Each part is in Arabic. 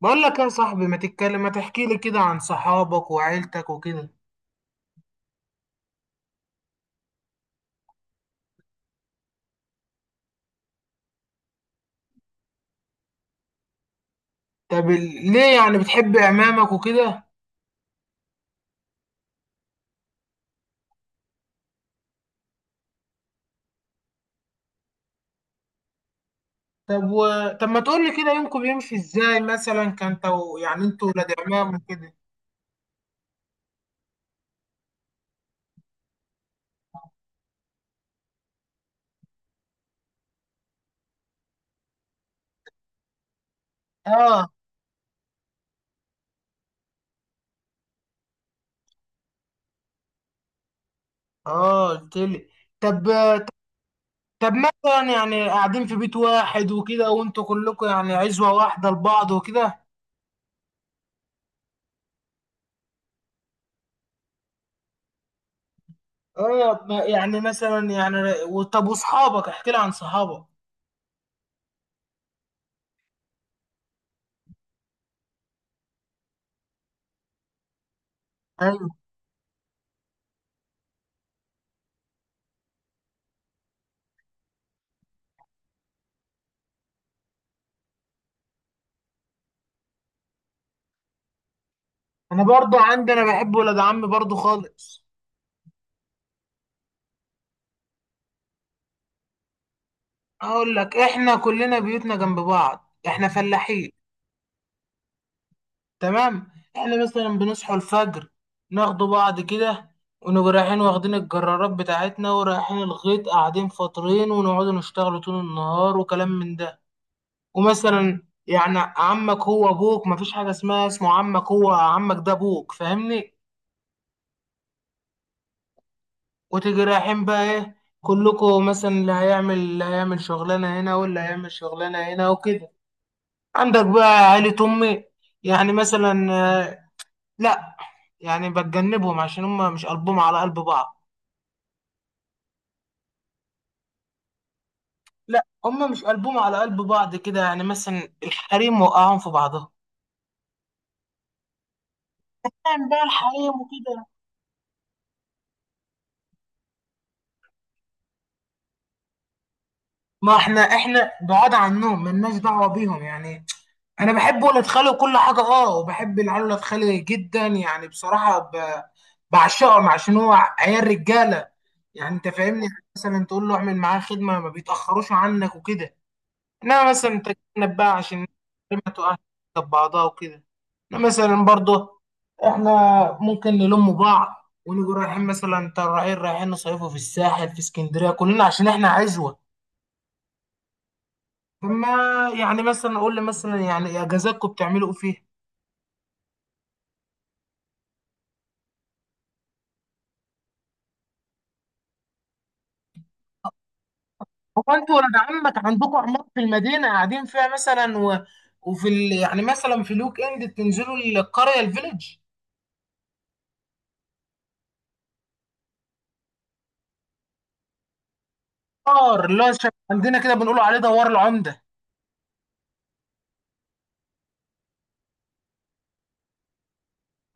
بقول لك يا صاحبي، ما تتكلم، ما تحكي لي كده عن صحابك وعيلتك وكده؟ طب ليه يعني بتحب عمامك وكده؟ طب طب ما تقول لي كده، يومكم بيمشي ازاي؟ مثلا كان يعني انتوا ولاد عمام وكده. اه. اه قلت لي. طب. طب مثلا يعني قاعدين في بيت واحد وكده، وانتوا كلكم يعني عزوة واحدة لبعض وكده. اه يعني مثلا يعني طب واصحابك، احكي لي عن صحابك. ايوه. انا برضو عندي، انا بحب ولاد عمي برضو خالص. هقول لك، احنا كلنا بيوتنا جنب بعض، احنا فلاحين. تمام. احنا مثلا بنصحوا الفجر، ناخدوا بعض كده، ونبقى رايحين واخدين الجرارات بتاعتنا ورايحين الغيط، قاعدين فاطرين، ونقعدوا نشتغلوا طول النهار وكلام من ده. ومثلا يعني عمك هو ابوك، مفيش حاجه اسمها اسمه عمك، هو عمك ده ابوك، فاهمني؟ وتيجي رايحين بقى ايه، كلكم مثلا اللي هيعمل شغلانه هنا، واللي هيعمل شغلانه هنا وكده. عندك بقى عيلة أمي، يعني مثلا لا، يعني بتجنبهم عشان هم مش قلبهم على قلب بعض. لا، هم مش قلبهم على قلب بعض كده، يعني مثلا الحريم وقعهم في بعضهم. يعني بقى الحريم وكده. ما احنا، بعاد عنهم، ملناش دعوة بيهم يعني. انا بحب ولاد خالي وكل حاجة، اه، وبحب العيال ولاد خالي جدا يعني، بصراحة بعشقهم، عشان هو عيال رجالة. يعني انت فاهمني، يعني مثلا تقول له اعمل معاه خدمة، ما بيتأخروش عنك وكده. انما مثلا تتجنب بقى، عشان ما تقعش جنب بعضها وكده. إنما مثلا برضه احنا ممكن نلم بعض، ونيجي رايحين مثلا، ترى رايحين نصيفوا في الساحل في اسكندريه كلنا، عشان احنا عزوه. فما، يعني مثلا اقول لي مثلا، يعني اجازاتكم بتعملوا ايه فيها؟ هو انتوا ولاد عمك عندكم عمارة في المدينه قاعدين فيها مثلا، وفي يعني مثلا في الويك اند بتنزلوا القريه، الفيلج، دار اللي هو شبه عندنا كده، بنقولوا عليه دوار العمده.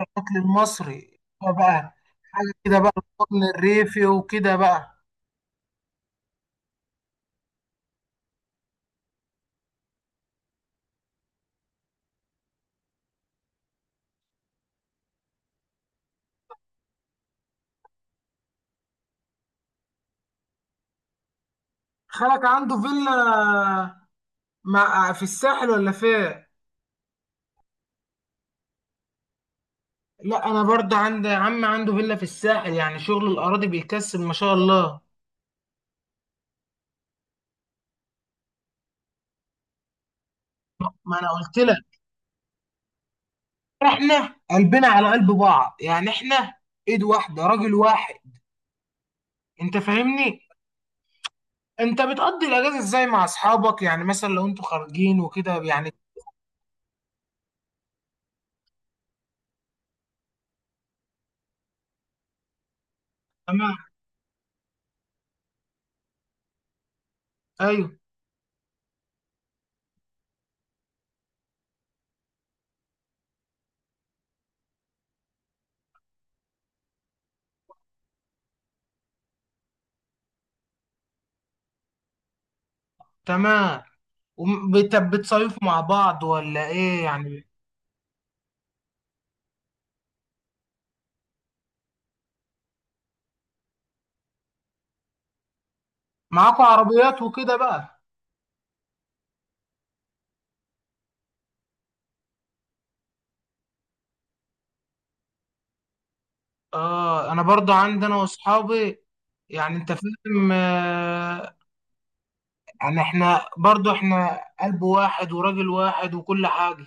الاكل المصري هو بقى، حاجه كده بقى، القطن الريفي وكده بقى. خالك عنده فيلا مع في الساحل ولا فين؟ لا، انا برضه عندي عم عنده فيلا في الساحل، يعني شغل الاراضي بيكسب، ما شاء الله. ما انا قلت لك، احنا قلبنا على قلب بعض يعني، احنا ايد واحده راجل واحد، انت فاهمني؟ انت بتقضي الاجازه ازاي مع اصحابك؟ يعني مثلا لو انتوا خارجين وكده يعني. تمام. ايوه. تمام. وبتصيفوا مع بعض ولا ايه يعني؟ معاكوا عربيات وكده بقى. اه انا برضو عندي، انا واصحابي، يعني انت فاهم يعني احنا برضو، احنا قلب واحد وراجل واحد وكل حاجة.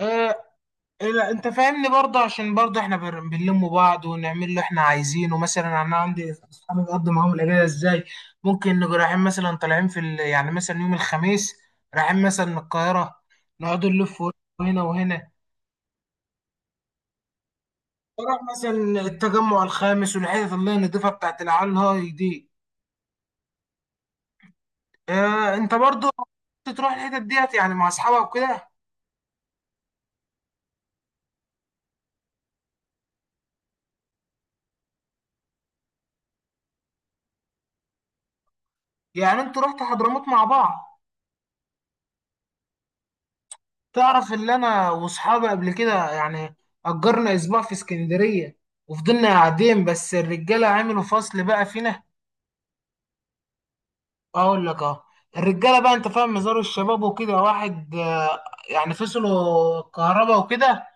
ايه. لا انت فاهمني برضو، عشان برضو احنا بنلم بعض ونعمل اللي احنا عايزينه. مثلا انا عندي اصحابي بقضي معاهم الاجازة ازاي. ممكن نبقى رايحين مثلا، طالعين في يعني مثلا يوم الخميس، رايحين مثلا القاهرة، نقعد نلف هنا وهنا. بروح مثلا التجمع الخامس، والحتت اللي هي النضيفة بتاعت العيال هاي دي. آه انت برضو كنت تروح الحتت ديت يعني مع اصحابك وكده. يعني انتوا رحتوا حضرموت مع بعض؟ تعرف اللي انا واصحابي قبل كده يعني، اجرنا اسبوع في اسكندرية، وفضلنا قاعدين، بس الرجالة عملوا فصل بقى فينا. اقول لك، اه الرجالة بقى انت فاهم، مزار الشباب وكده، واحد يعني فصلوا الكهرباء وكده،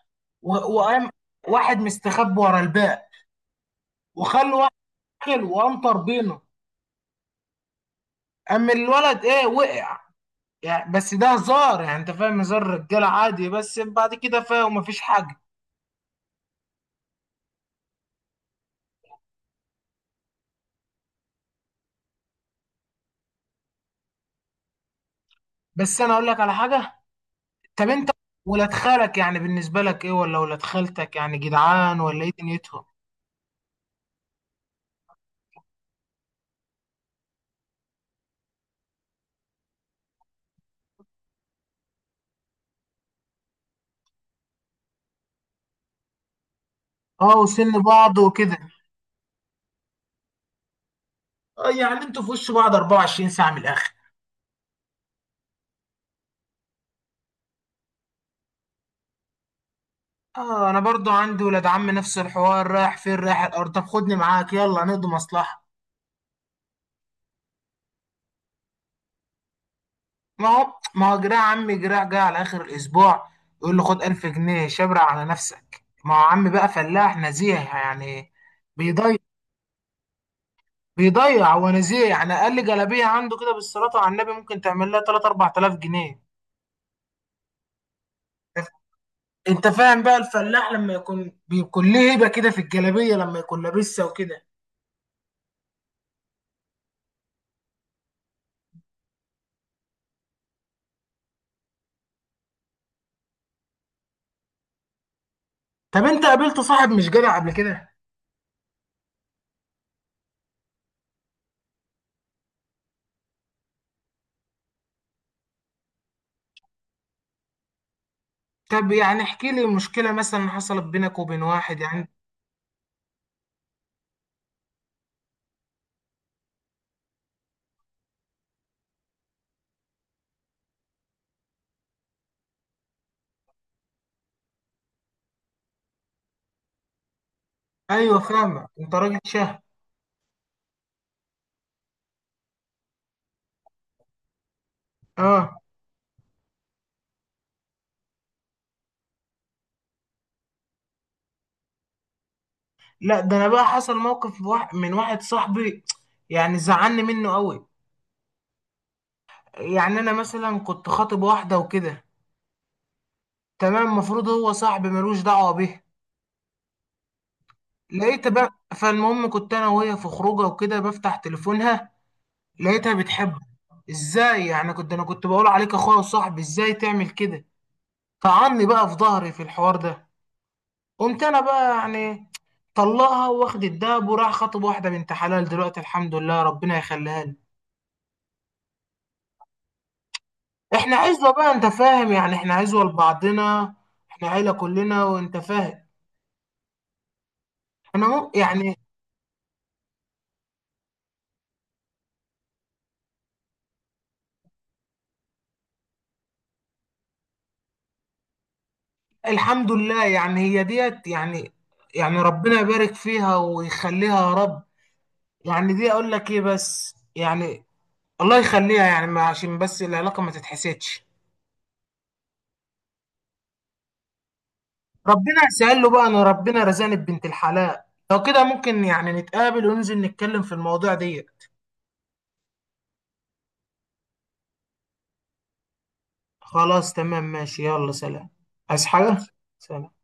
وقام واحد مستخبي ورا الباقي، وخلوا واحد داخل، وقام طربينه. اما الولد ايه وقع. يعني بس ده هزار يعني، انت فاهم، هزار رجاله عادي، بس بعد كده فاهم مفيش حاجه. بس انا اقول لك على حاجه. طب انت ولاد خالك يعني بالنسبه لك ايه، ولا ولاد خالتك يعني؟ جدعان ولا ايه دنيتهم؟ اه وسن بعض وكده. اه يعني انتوا في وش بعض 24 ساعه، من الاخر. اه انا برضو عندي ولاد عم نفس الحوار، رايح فين؟ رايح الارض، طب خدني معاك، يلا نقضي مصلحه. ما هو جراع عمي، جراع جاي على اخر الاسبوع يقول له خد 1000 جنيه شبرق على نفسك. ما هو عمي بقى فلاح نزيه يعني، بيضيع. هو نزيه يعني، اقل جلابيه عنده كده، بالصلاه على النبي ممكن تعمل لها 3 4000 جنيه. انت فاهم بقى، الفلاح لما يكون بيكون ليه هيبه كده في الجلابيه لما يكون لابسها وكده. طب انت قابلت صاحب مش جدع قبل كده؟ طب يعني احكي لي مشكله مثلا حصلت بينك وبين واحد يعني. ايوه فاهمك، انت راجل شهم. اه. لا ده انا بقى حصل موقف واحد من واحد صاحبي، يعني زعلني منه قوي. يعني انا مثلا كنت خاطب واحده وكده. تمام، المفروض هو صاحبي ملوش دعوه بيها. لقيت بقى، فالمهم كنت انا وهي في خروجه وكده، بفتح تليفونها، لقيتها بتحبه. ازاي يعني، كنت انا كنت بقول عليك اخويا وصاحبي، ازاي تعمل كده؟ طعني بقى في ظهري في الحوار ده. قمت انا بقى يعني طلعها واخد الدهب، وراح خاطب واحده بنت حلال دلوقتي، الحمد لله، ربنا يخليها لي. احنا عزوة بقى، انت فاهم، يعني احنا عزوة لبعضنا، احنا عيلة كلنا وانت فاهم. انا يعني الحمد لله يعني، هي ديت يعني، يعني ربنا يبارك فيها ويخليها يا رب. يعني دي اقول لك ايه بس يعني، الله يخليها يعني عشان بس العلاقة ما تتحسدش. ربنا يسهل له بقى، انا ربنا رزقني ببنت الحلال. لو كده ممكن يعني نتقابل وننزل نتكلم في المواضيع دي. خلاص تمام ماشي، يلا سلام. عايز حاجة؟ سلام.